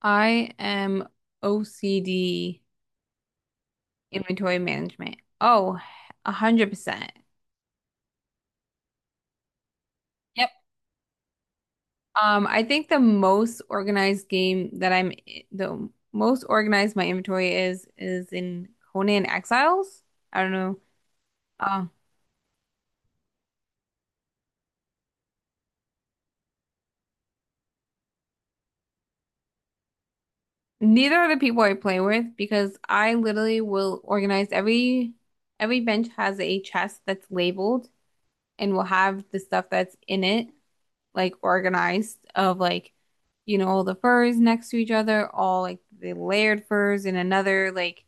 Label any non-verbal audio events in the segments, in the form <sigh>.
I am OCD inventory management. Oh, 100%. Yep. I think the most organized game that I'm the most organized my inventory is in Conan Exiles. I don't know. Um, neither are the people I play with, because I literally will organize every— every bench has a chest that's labeled and will have the stuff that's in it, like organized of, like, you know, all the furs next to each other, all like the layered furs in another. Like,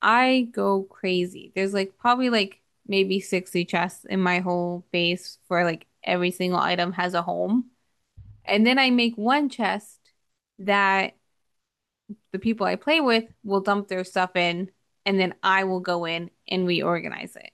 I go crazy. There's like probably like maybe 60 chests in my whole base, for like every single item has a home. And then I make one chest that the people I play with will dump their stuff in, and then I will go in and reorganize it.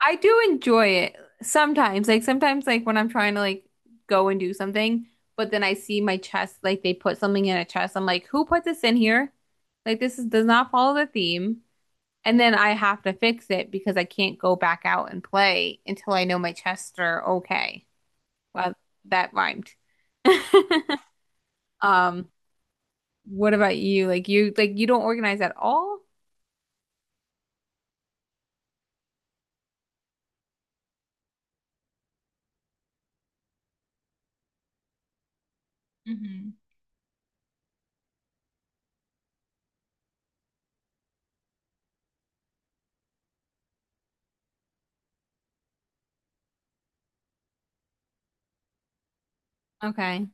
I do enjoy it sometimes. Like sometimes like when I'm trying to like go and do something, but then I see my chest, like they put something in a chest. I'm like, who put this in here? Like this is— does not follow the theme. And then I have to fix it because I can't go back out and play until I know my chests are okay. Well, that rhymed. <laughs> Um, what about you? Like you don't organize at all? Hmm. Okay.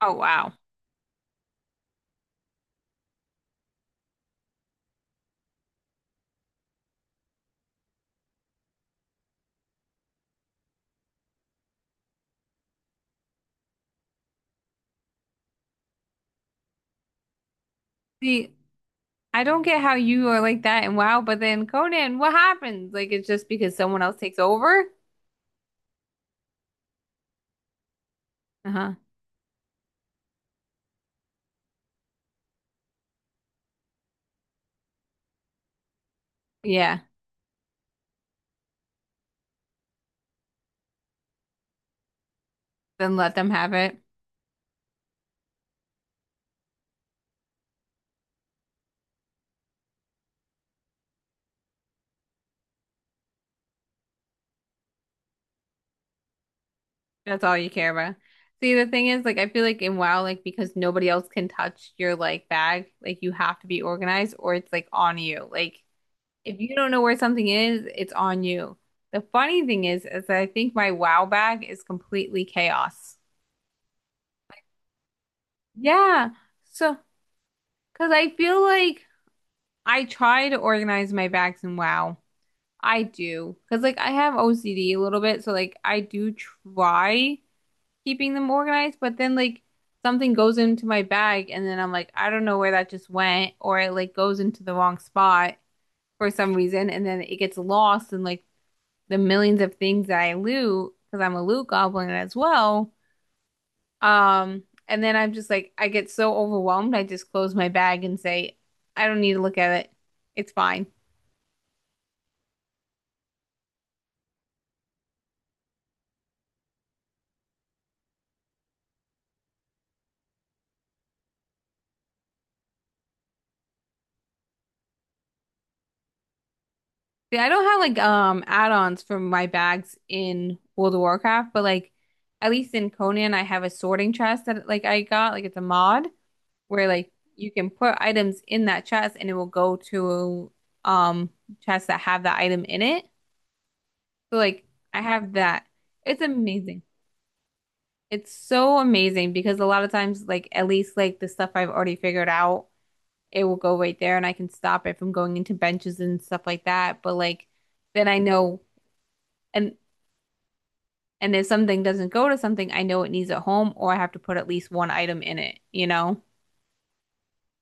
Oh, wow. See, I don't get how you are like that and WoW, but then Conan, what happens? Like it's just because someone else takes over? Uh-huh. Yeah. Then let them have it. That's all you care about. See, the thing is, like I feel like in WoW, like because nobody else can touch your like bag, like you have to be organized or it's like on you. Like if you don't know where something is, it's on you. The funny thing is that I think my WoW bag is completely chaos. Yeah. So, because I feel like I try to organize my bags in WoW. I do. Because, like, I have OCD a little bit. So, like, I do try keeping them organized. But then, like, something goes into my bag. And then I'm like, I don't know where that just went. Or it, like, goes into the wrong spot for some reason. And then it gets lost in, like, the millions of things that I loot. Because I'm a loot goblin as well. Um, and then I'm just like, I get so overwhelmed. I just close my bag and say, I don't need to look at it. It's fine. See, I don't have like add-ons for my bags in World of Warcraft, but like at least in Conan I have a sorting chest that like I got, like it's a mod where like you can put items in that chest and it will go to um chests that have that item in it. So like I have that. It's amazing. It's so amazing because a lot of times like at least like the stuff I've already figured out, it will go right there and I can stop it from going into benches and stuff like that. But like then I know and and if something doesn't go to something, I know it needs at home or I have to put at least one item in it, you know?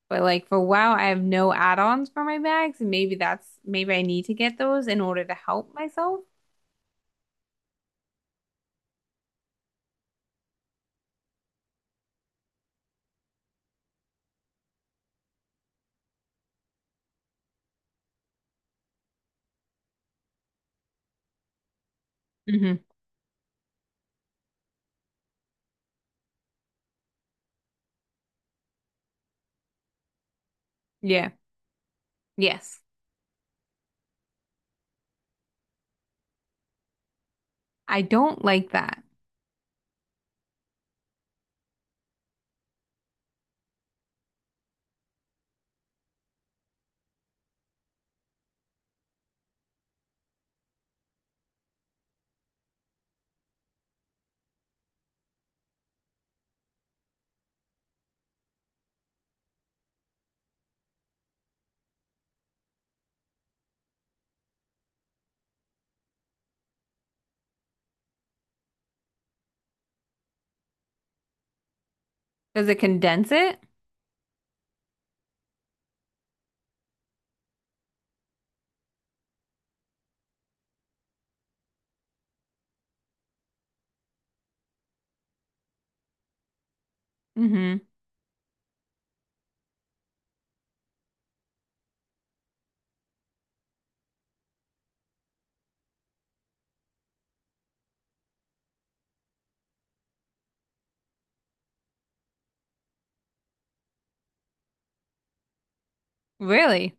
But like for WoW, I have no add-ons for my bags, and maybe that's— maybe I need to get those in order to help myself. Hmm. Yeah. Yes. I don't like that. Does it condense it? Hmm. Really?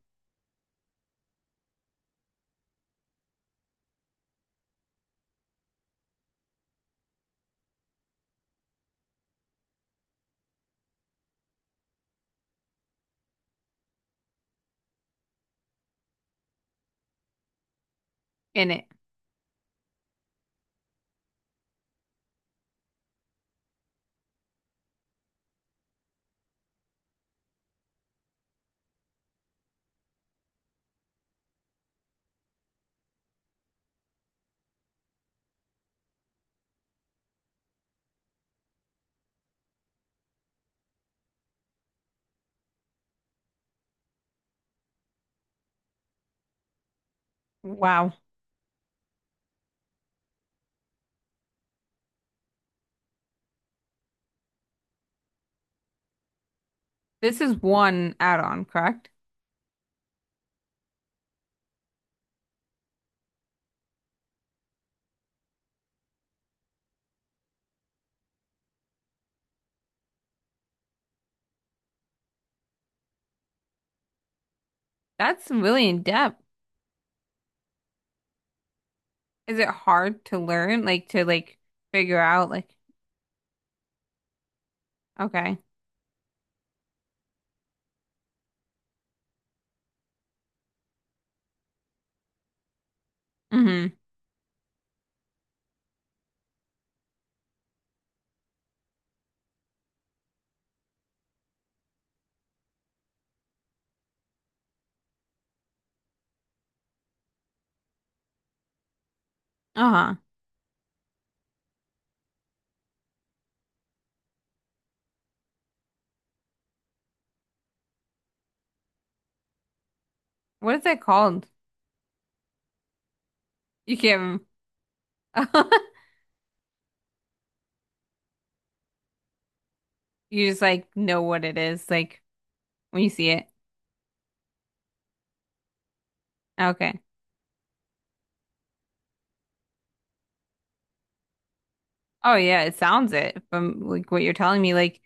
In it. Wow. This is one add-on, correct? That's really in depth. Is it hard to learn, like to like figure out like okay. Hmm. Uh-huh. What is that called? You can't. <laughs> You just like know what it is, like when you see it. Okay. Oh yeah, it sounds it from like what you're telling me. Like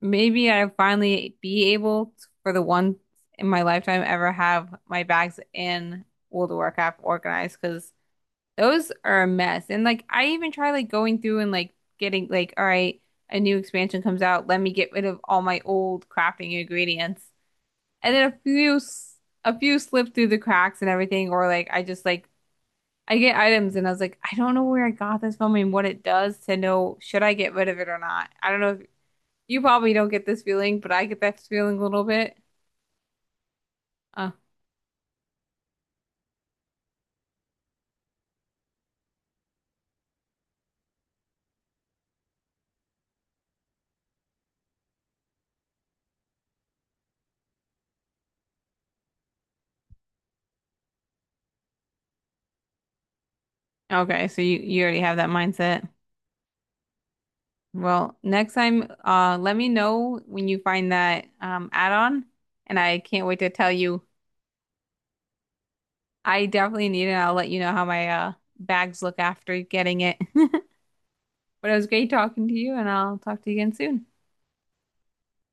maybe I'll finally be able to, for the once in my lifetime ever have my bags in World of Warcraft organized, because those are a mess. And like I even try like going through and like getting like, all right, a new expansion comes out. Let me get rid of all my old crafting ingredients, and then a few slip through the cracks and everything, or like I just like I get items and I was like, I don't know where I got this from and what it does to know should I get rid of it or not. I don't know if you probably don't get this feeling, but I get that feeling a little bit. Oh, okay. So you already have that mindset. Well, next time, let me know when you find that add-on and I can't wait to tell you. I definitely need it. I'll let you know how my bags look after getting it. <laughs> But it was great talking to you and I'll talk to you again soon.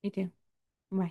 You too. Bye.